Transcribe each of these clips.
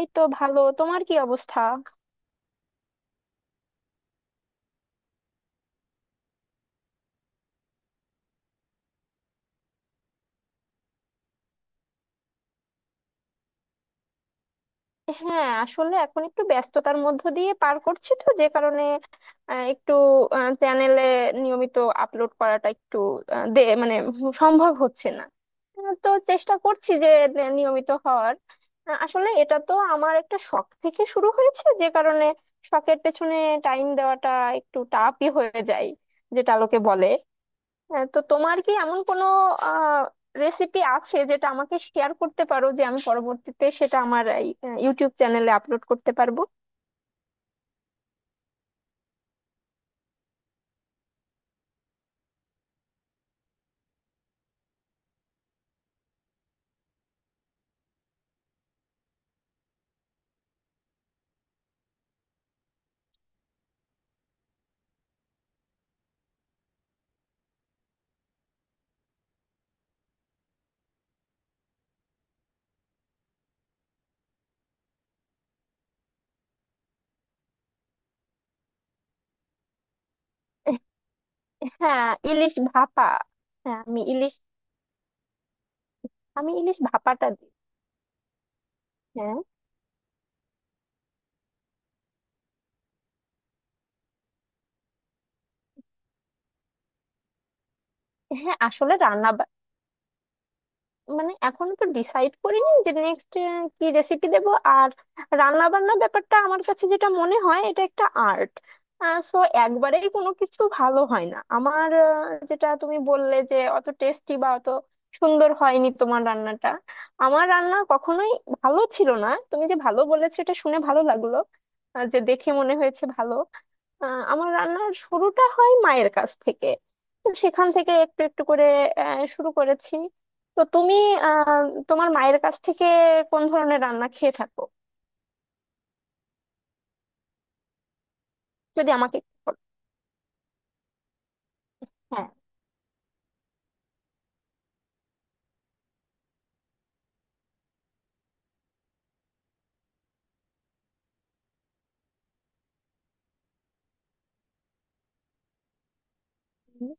এই তো ভালো। তোমার কি অবস্থা? হ্যাঁ, আসলে এখন একটু ব্যস্ততার মধ্য দিয়ে পার করছি, তো যে কারণে একটু চ্যানেলে নিয়মিত আপলোড করাটা একটু আহ, দে মানে সম্ভব হচ্ছে না। তো চেষ্টা করছি যে নিয়মিত হওয়ার। আসলে এটা তো আমার একটা শখ থেকে শুরু হয়েছে, যে কারণে শখের পেছনে টাইম দেওয়াটা একটু টাফই হয়ে যায়, যেটা লোকে বলে। হ্যাঁ, তো তোমার কি এমন কোনো আহ রেসিপি আছে যেটা আমাকে শেয়ার করতে পারো, যে আমি পরবর্তীতে সেটা আমার ইউটিউব চ্যানেলে আপলোড করতে পারবো? হ্যাঁ, ইলিশ ভাপা। হ্যাঁ, আমি ইলিশ, আমি ইলিশ ভাপাটা দিই। হ্যাঁ। হ্যাঁ, আসলে রান্না মানে এখনো তো ডিসাইড করিনি যে নেক্সট কি রেসিপি দেব। আর রান্না বান্না ব্যাপারটা আমার কাছে যেটা মনে হয়, এটা একটা আর্ট। সো একবারেই কোনো কিছু ভালো হয় না আমার। যেটা তুমি বললে যে অত টেস্টি বা অত সুন্দর হয়নি তোমার রান্নাটা, আমার রান্না কখনোই ভালো ছিল না। তুমি যে ভালো বলেছো, এটা শুনে ভালো লাগলো। যে দেখে মনে হয়েছে ভালো। আমার রান্নার শুরুটা হয় মায়ের কাছ থেকে। তো সেখান থেকে একটু একটু করে শুরু করেছি। তো তুমি আহ তোমার মায়ের কাছ থেকে কোন ধরনের রান্না খেয়ে থাকো, যদি আমাকে একটু বলো। হ্যাঁ। হুম।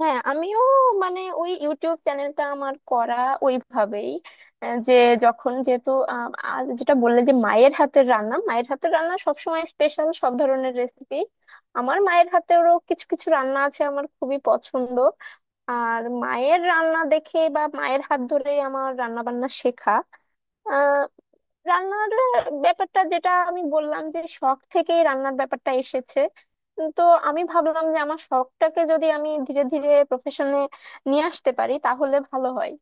হ্যাঁ, আমিও মানে ওই ইউটিউব চ্যানেলটা আমার করা ওইভাবেই। যে যখন যেহেতু আর যেটা বললে যে মায়ের হাতের রান্না, মায়ের হাতের রান্না সবসময় স্পেশাল সব ধরনের রেসিপি। আমার মায়ের হাতেরও কিছু কিছু রান্না আছে আমার খুবই পছন্দ। আর মায়ের রান্না দেখে বা মায়ের হাত ধরে আমার রান্না বান্না শেখা, রান্নার ব্যাপারটা, যেটা আমি বললাম যে শখ থেকেই রান্নার ব্যাপারটা এসেছে। তো আমি ভাবলাম যে আমার শখটাকে যদি আমি ধীরে ধীরে প্রফেশনে নিয়ে আসতে পারি তাহলে ভালো হয়।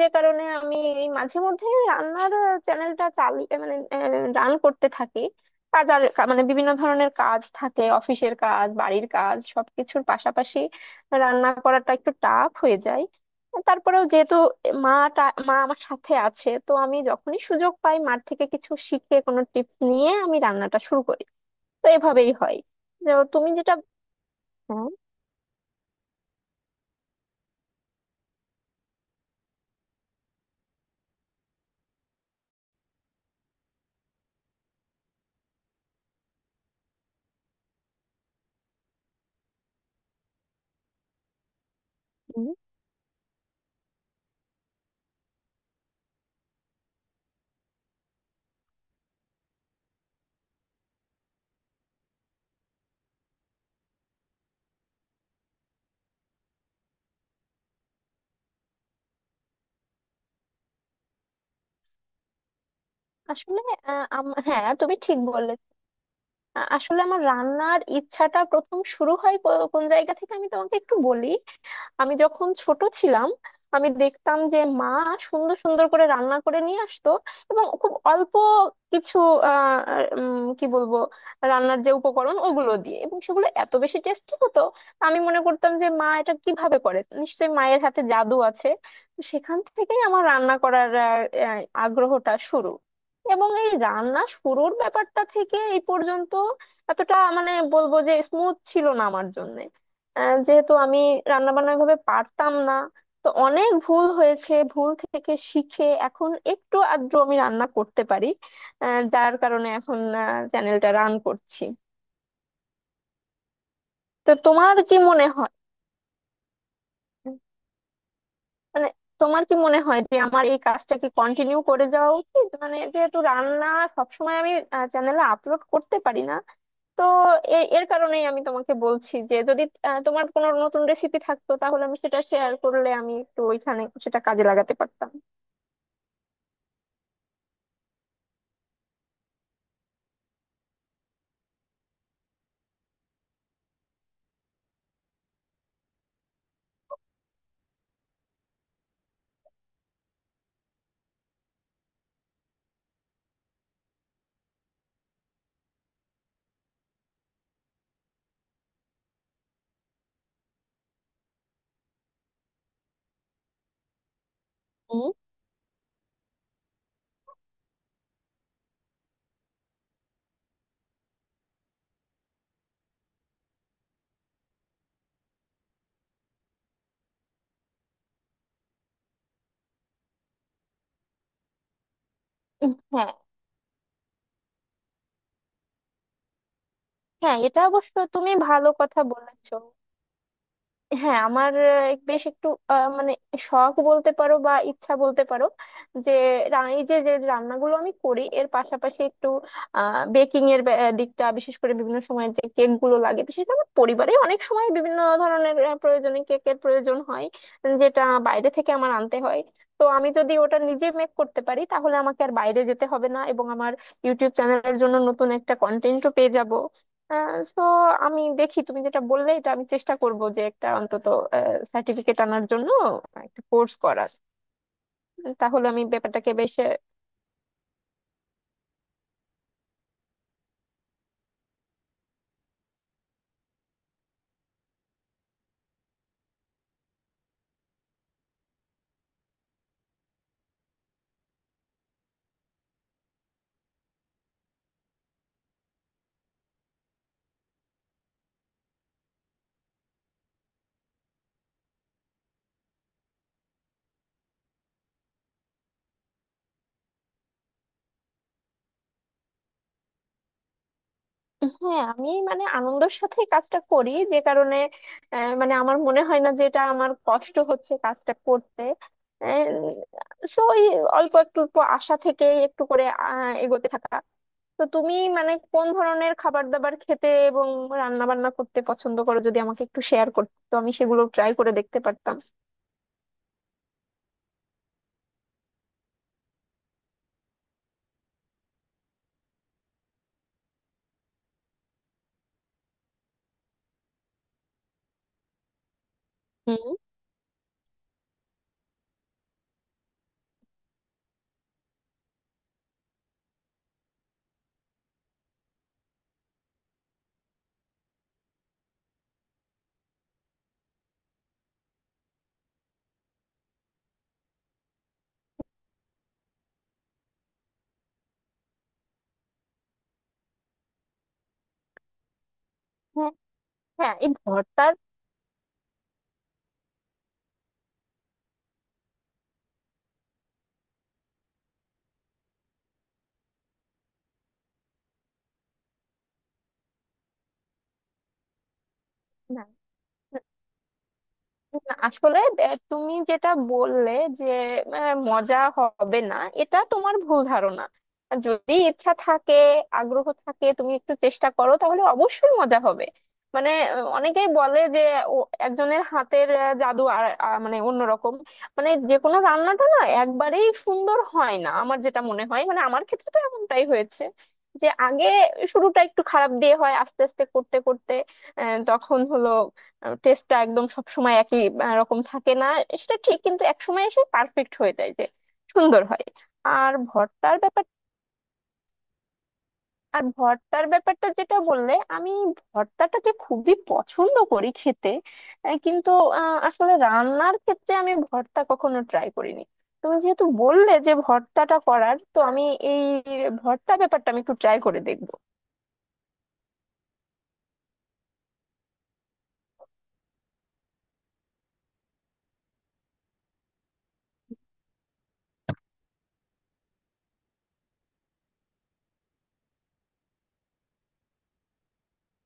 যে কারণে আমি এই মাঝে মধ্যে রান্নার চ্যানেলটা চালিয়ে মানে রান করতে থাকি। কাজার মানে বিভিন্ন ধরনের কাজ থাকে, অফিসের কাজ, বাড়ির কাজ, সবকিছুর পাশাপাশি রান্না করাটা একটু টাফ হয়ে যায়। তারপরেও যেহেতু মা মা আমার সাথে আছে, তো আমি যখনই সুযোগ পাই মার থেকে কিছু শিখে কোনো টিপস নিয়ে আমি রান্নাটা শুরু করি। তো এভাবেই হয়। তো তুমি যেটা হ্যাঁ। হুম, আসলে হ্যাঁ, তুমি ঠিক বললে। আসলে আমার রান্নার ইচ্ছাটা প্রথম শুরু হয় কোন জায়গা থেকে আমি তোমাকে একটু বলি। আমি যখন ছোট ছিলাম, আমি দেখতাম যে মা সুন্দর সুন্দর করে রান্না করে নিয়ে আসতো, এবং খুব অল্প কিছু আহ কি বলবো, রান্নার যে উপকরণ ওগুলো দিয়ে, এবং সেগুলো এত বেশি টেস্টি হতো। আমি মনে করতাম যে মা এটা কিভাবে করে, নিশ্চয়ই মায়ের হাতে জাদু আছে। তো সেখান থেকেই আমার রান্না করার আহ, আহ, আগ্রহটা শুরু। এবং এই রান্না শুরুর ব্যাপারটা থেকে এই পর্যন্ত এতটা মানে বলবো যে স্মুথ ছিল না আমার জন্য। যেহেতু আমি রান্না বান্না ভাবে পারতাম না, তো অনেক ভুল হয়েছে। ভুল থেকে শিখে এখন একটু আধটু আমি রান্না করতে পারি। যার কারণে এখন চ্যানেলটা রান করছি। তো তোমার কি মনে হয় মানে তোমার কি মনে হয় যে আমার এই কাজটা কি কন্টিনিউ করে যাওয়া উচিত? মানে যেহেতু রান্না সবসময় আমি চ্যানেলে আপলোড করতে পারি না, তো এর কারণেই আমি তোমাকে বলছি যে যদি তোমার কোনো নতুন রেসিপি থাকতো, তাহলে আমি সেটা শেয়ার করলে আমি একটু ওইখানে সেটা কাজে লাগাতে পারতাম। হুম। হ্যাঁ। হ্যাঁ, এটা অবশ্য তুমি ভালো কথা বলেছো। হ্যাঁ, আমার বেশ একটু মানে শখ বলতে পারো বা ইচ্ছা বলতে পারো, যে এই যে যে রান্নাগুলো আমি করি এর পাশাপাশি একটু বেকিং এর দিকটা, বিশেষ করে বিভিন্ন সময় যে কেক গুলো লাগে, বিশেষ করে আমার পরিবারে অনেক সময় বিভিন্ন ধরনের প্রয়োজনে কেকের প্রয়োজন হয়, যেটা বাইরে থেকে আমার আনতে হয়। তো আমি যদি ওটা নিজে মেক করতে পারি তাহলে আমাকে আর বাইরে যেতে হবে না, এবং আমার ইউটিউব চ্যানেলের জন্য নতুন একটা কন্টেন্টও পেয়ে যাব। সো আমি দেখি, তুমি যেটা বললে এটা আমি চেষ্টা করব যে একটা অন্তত সার্টিফিকেট আনার জন্য একটা কোর্স করার, তাহলে আমি ব্যাপারটাকে বেশ হ্যাঁ, আমি মানে আনন্দের সাথে কাজটা করি, যে কারণে মানে আমার মনে হয় না যে এটা আমার কষ্ট হচ্ছে কাজটা করতে। সো ওই অল্প একটু অল্প আশা থেকে একটু করে এগোতে থাকা। তো তুমি মানে কোন ধরনের খাবার দাবার খেতে এবং রান্না বান্না করতে পছন্দ করো, যদি আমাকে একটু শেয়ার করতে, তো আমি সেগুলো ট্রাই করে দেখতে পারতাম। হুম। হ্যাঁ। হ্যাঁ, এই ভর্তার না, না, আসলে তুমি যেটা বললে যে মজা হবে না, এটা তোমার ভুল ধারণা। যদি ইচ্ছা থাকে, আগ্রহ থাকে, তুমি একটু চেষ্টা করো, তাহলে অবশ্যই মজা হবে। মানে অনেকেই বলে যে ও একজনের হাতের জাদু আর মানে অন্যরকম। মানে যে কোনো রান্নাটা না একবারেই সুন্দর হয় না, আমার যেটা মনে হয়, মানে আমার ক্ষেত্রে তো এমনটাই হয়েছে যে আগে শুরুটা একটু খারাপ দিয়ে হয়, আস্তে আস্তে করতে করতে তখন হলো। টেস্টটা একদম সব সময় একই রকম থাকে না, সেটা ঠিক, কিন্তু এক সময় এসে পারফেক্ট হয়ে যায়, যে সুন্দর হয়। আর ভর্তার ব্যাপার, আর ভর্তার ব্যাপারটা যেটা বললে, আমি ভর্তাটাকে খুবই পছন্দ করি খেতে। কিন্তু আসলে রান্নার ক্ষেত্রে আমি ভর্তা কখনো ট্রাই করিনি। তুমি যেহেতু বললে যে ভর্তাটা করার, তো আমি এই ভর্তা ব্যাপারটা আমি একটু ট্রাই করে দেখবো।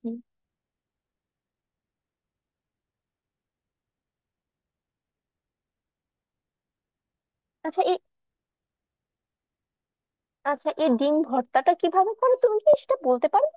হুম। আচ্ছা এই, আচ্ছা এই ডিম ভর্তাটা কিভাবে করে তুমি কি সেটা বলতে পারবে?